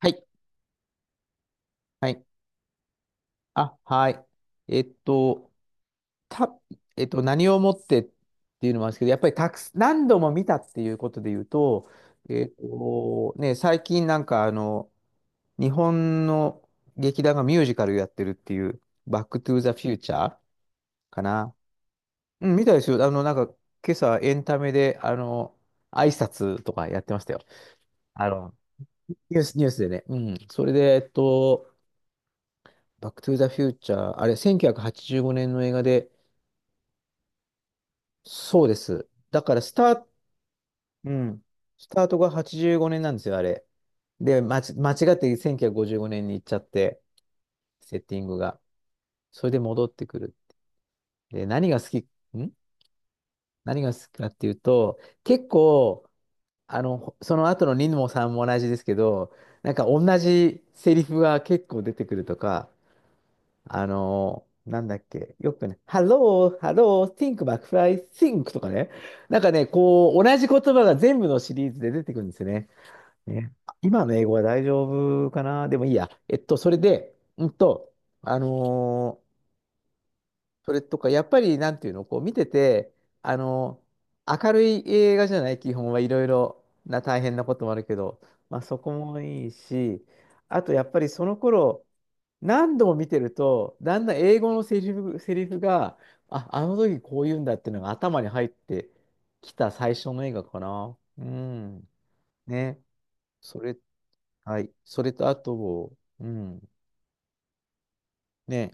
はい。はい。あ、はい。えっと、た、えっと、何をもってっていうのもあるんですけど、やっぱりたくす、何度も見たっていうことで言うと、ね、最近日本の劇団がミュージカルやってるっていう、バックトゥーザフューチャーかな。うん、見たですよ。今朝エンタメで、挨拶とかやってましたよ。あの、ニュースでね。うん。それで、バックトゥーザフューチャー、あれ、1985年の映画で、そうです。だからうん、スタートが85年なんですよ、あれ。で、間違って1955年に行っちゃって、セッティングが。それで戻ってくる。で、ん何が好きかっていうと、結構、あの、その後のニもさんも同じですけど、なんか同じセリフが結構出てくるとか、あのーなんだっけ、よくね、Hello, Hello, Think McFly, Think とかね、なんかね、こう、同じ言葉が全部のシリーズで出てくるんですよね。ね、今の英語は大丈夫かなでもいいや。それで、あのーそれとか、やっぱり、なんていうの、こう、見てて、あのー明るい映画じゃない、基本はいろいろな大変なこともあるけど、まあ、そこもいいし、あと、やっぱりその頃、何度も見てると、だんだん英語のセリフが、あの時こう言うんだっていうのが頭に入ってきた最初の映画かな。うん。ね。それ、はい。それとあと、うん。ね。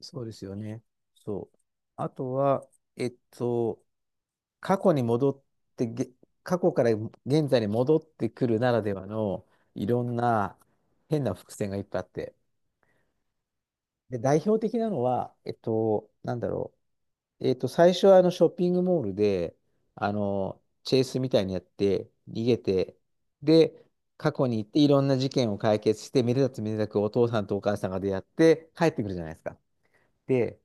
そうですよね。そう。あとは、えっと、過去に戻ってげ、過去から現在に戻ってくるならではのいろんな変な伏線がいっぱいあって。で、代表的なのは、なんだろう。最初はあのショッピングモールで、あの、チェイスみたいにやって、逃げて、で、過去に行っていろんな事件を解決して、めでたつめでたくお父さんとお母さんが出会って帰ってくるじゃないですか。で、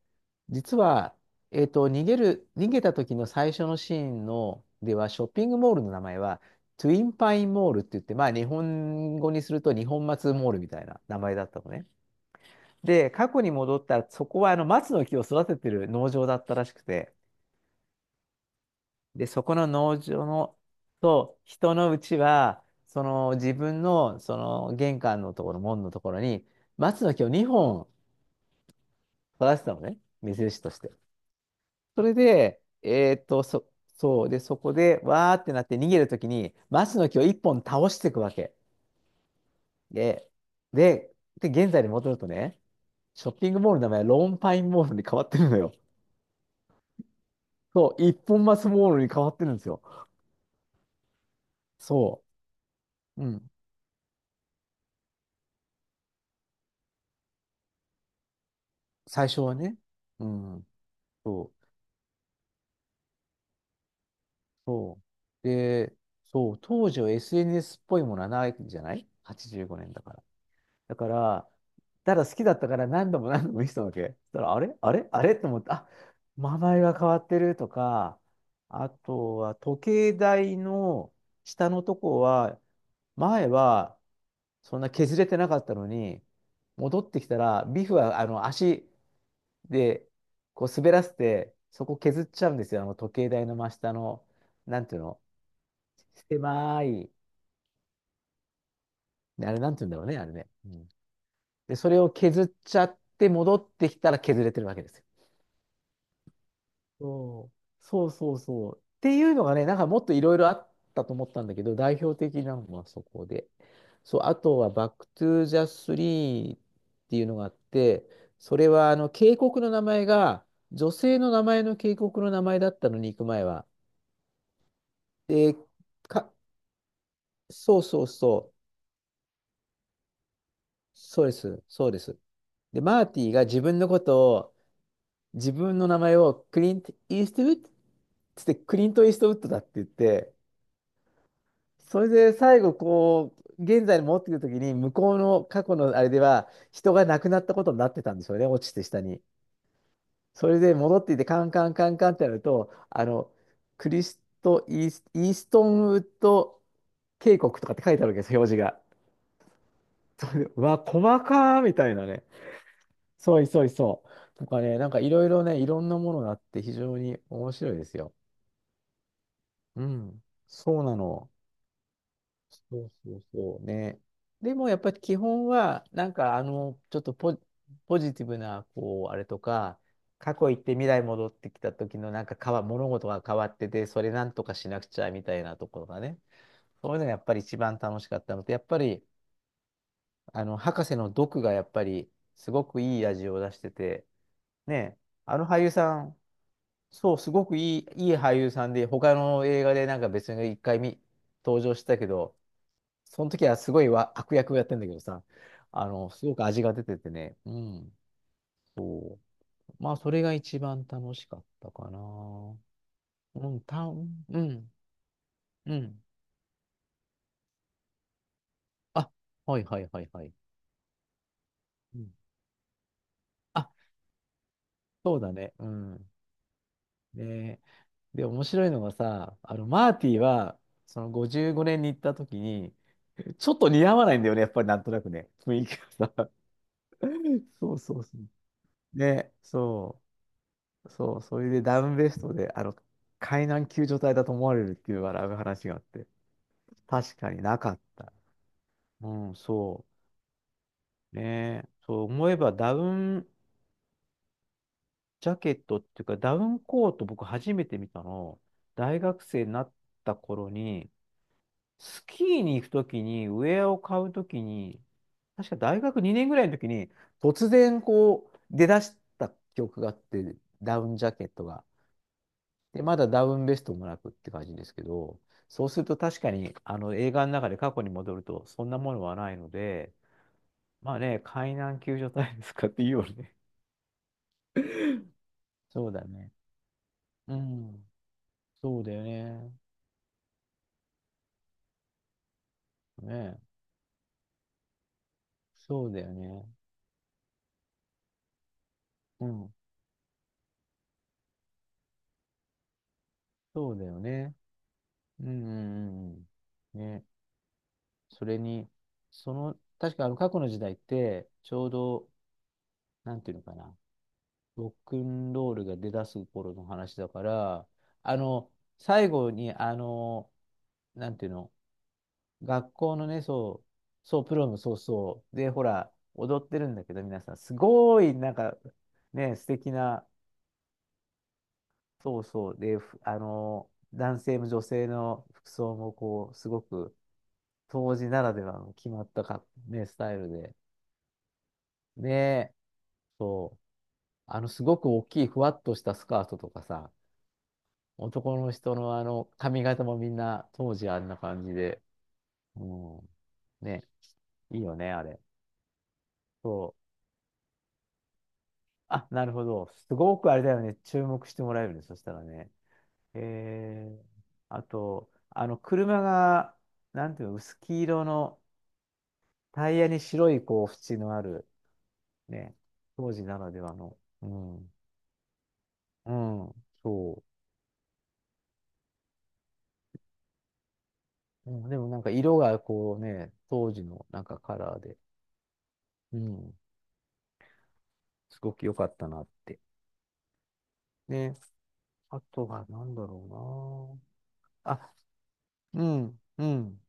実は、逃げた時の最初のシーンの、では、ショッピングモールの名前は、トゥインパインモールって言って、まあ、日本語にすると日本松モールみたいな名前だったのね。で、過去に戻ったら、そこはあの松の木を育ててる農場だったらしくて、で、そこの農場のと人のうちは、その自分のその玄関のところ、門のところに松の木を2本育らせたのね、目印として。それで、そう、で、そこでわーってなって逃げるときに、松の木を1本倒していくわけ。で、で、で、現在に戻るとね、ショッピングモールの名前はローンパインモールに変わってるのよ。そう、一本松モールに変わってるんですよ。そう。うん。最初はね。うん。そうそう。で、そう、当時は SNS っぽいものはないんじゃない？ 85 年だから。だから、ただ好きだったから何度も何度も見せたわけ。そしたら、あれあれあれと思って、あ、名前が変わってるとか、あとは時計台の下のとこは、前はそんな削れてなかったのに、戻ってきたら、ビフはあの足でこう滑らせて、そこ削っちゃうんですよ、あの時計台の真下の。なんていうの、狭い。あれ、なんて言うんだろうね、あれね。うん。で、それを削っちゃって戻ってきたら削れてるわけですよ。そうそうそうそう。っていうのがね、なんかもっといろいろあったと思ったんだけど、代表的なのはそこで。そう、あとはバックトゥーザスリーっていうのがあって、それはあの渓谷の名前が女性の名前の渓谷の名前だったのに行く前は。で、か、そうそうそう。そうです。そうです。で、マーティが自分のことを自分の名前をクリント・イーストウッドつってクリント・イーストウッドだって言って、それで最後こう、現在に戻ってくるときに、向こうの過去のあれでは、人が亡くなったことになってたんでしょうね、落ちて下に。それで戻っていて、カンカンカンカンってやると、あの、クリスト・イース、イーストンウッド渓谷とかって書いてあるわけです、表示が。それで、うわ、細かーみたいなね。そういそういそう。とかね、なんかいろいろね、いろんなものがあって非常に面白いですよ。うん、そうなの。そうそうそうね。でもやっぱり基本は、なんかあの、ちょっとポ、ポジティブな、こう、あれとか、過去行って未来戻ってきた時のなんか物事が変わってて、それなんとかしなくちゃみたいなところがね。そういうのがやっぱり一番楽しかったのと、やっぱり、あの、博士の毒がやっぱり、すごくいい味を出してて、ね、あの俳優さん、そう、すごくいい、いい俳優さんで、他の映画でなんか別に一回見、登場したけど、その時はすごいわ悪役をやってんだけどさ、あの、すごく味が出ててね、うん、そう。まあ、それが一番楽しかったかな。うん、たん、うん、うん。あ、はいはいはいはい。うん。あ、そうだね、うん。で、で、面白いのがさ、あの、マーティは、その55年に行った時に、ちょっと似合わないんだよね、やっぱりなんとなくね、雰囲気がさ。そうそうそう。ね、そう。そう、それでダウンベストで、あの、海難救助隊だと思われるっていう笑う話があって、確かになかった。うん、そう。ねえ、そう思えばダウンジャケットっていうか、ダウンコート僕初めて見たの、大学生になった頃に、スキーに行くときに、ウェアを買うときに、確か大学2年ぐらいの時に、突然こう、出だした記憶があって、ダウンジャケットが。で、まだダウンベストもなくって感じですけど、そうすると確かにあの映画の中で過去に戻るとそんなものはないので、まあね、海難救助隊ですかっていうよね。そうだね。うん。そうだよね。ね。そうだよね。うん。そうだよね。うんうんうんうん。ね。それに、その、確かあの過去の時代って、ちょうど、なんていうのかな。ロックンロールが出だす頃の話だから、あの、最後に、なんていうの、学校のね、そう、そう、プロム、そうそう、で、ほら、踊ってるんだけど、皆さん、すごい、なんか、ね、素敵な、そうそう、で、ふあの、男性も女性の服装も、こう、すごく、当時ならではの決まったか、ね、スタイルで、ね、そう、すごく大きい、ふわっとしたスカートとかさ、男の人の髪型もみんな当時あんな感じで。うん。ね。いいよね、あれ。そう。あ、なるほど。すごくあれだよね。注目してもらえるね。そしたらね。えー、あと、車が、なんていうの、薄黄色のタイヤに白い、こう、縁のある、ね、当時ならではの。うん。うん、そう。うん、でもなんか色がこうね、当時のなんかカラーで、うん、すごく良かったなって。ね。あとは何だろうな。あ、うん、うん、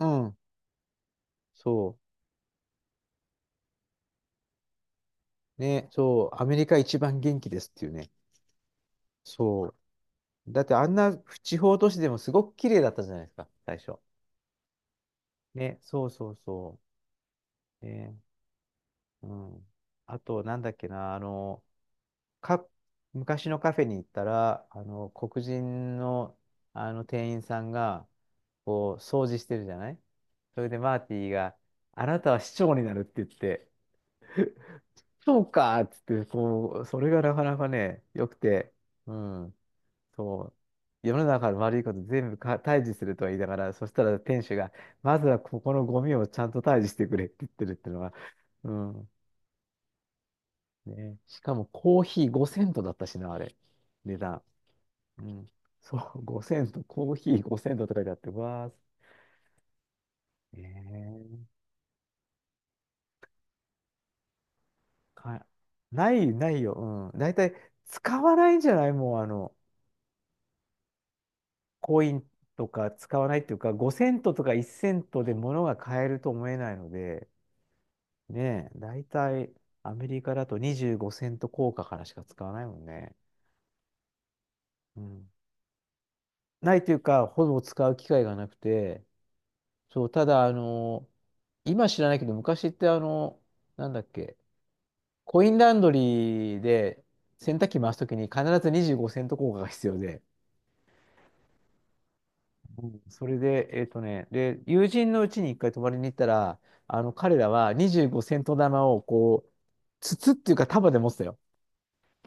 うん。そう。ね、そう。アメリカ一番元気ですっていうね。そう。だってあんな地方都市でもすごく綺麗だったじゃないですか、最初。ね、そうそうそう。ね、うん。あと、なんだっけな、か、昔のカフェに行ったら、黒人の、あの店員さんが、こう、掃除してるじゃない。それでマーティが、あなたは市長になるって言って、そうかっつって、こう、それがなかなかね、良くて、うん、そう、世の中の悪いこと全部退治するとは言いながら、そしたら店主が、まずはここのゴミをちゃんと退治してくれって言ってるっていうのは、うん、ね、しかもコーヒー5セントだったしな、あれ、値段。うん、そう、5セント、コーヒー5セントとか書いてあって、うわー、えー、か、ない、ないよ、うん、大体使わないんじゃないもう、コインとか使わないっていうか、5セントとか1セントで物が買えると思えないので、ねえ、大体アメリカだと25セント硬貨からしか使わないもんね。うん、ないというか、ほぼ使う機会がなくて、そう、ただ、今知らないけど、昔ってなんだっけ、コインランドリーで洗濯機回すときに必ず25セント硬貨が必要で、うんそれで、で、友人のうちに一回泊まりに行ったら、彼らは25セント玉をこう、筒っていうか束で持ってたよ。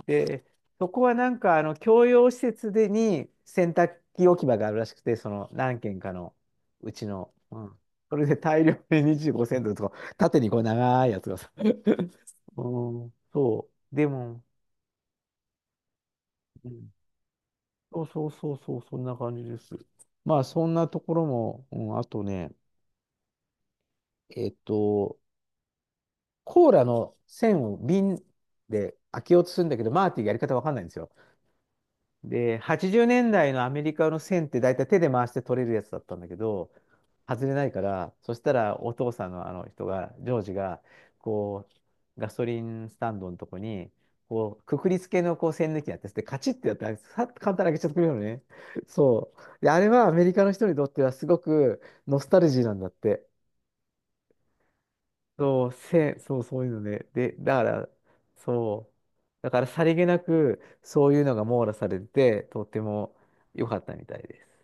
で、そこはなんか、共用施設でに洗濯機置き場があるらしくて、その何軒かのうちの、うん。それで大量で25セントとか、縦にこう長いやつがさ。うん、そう。でも、うん、そう、そんな感じです。まあ、そんなところも、うん、あとね、えっと、コーラの栓を瓶で開けようとするんだけど、マーティがやり方わかんないんですよ。で、80年代のアメリカの栓って大体手で回して取れるやつだったんだけど、外れないから、そしたらお父さんのあの人が、ジョージが、こう、ガソリンスタンドのとこに、こう、くくりつけのこう栓抜きやってて、カチッてやって、さっと簡単に開けちゃってくれるのね。そう。で、あれはアメリカの人にとってはすごくノスタルジーなんだって。そう、そういうので、で、だから、そう、だからさりげなく、そういうのが網羅されてて、とっても良かったみたいです。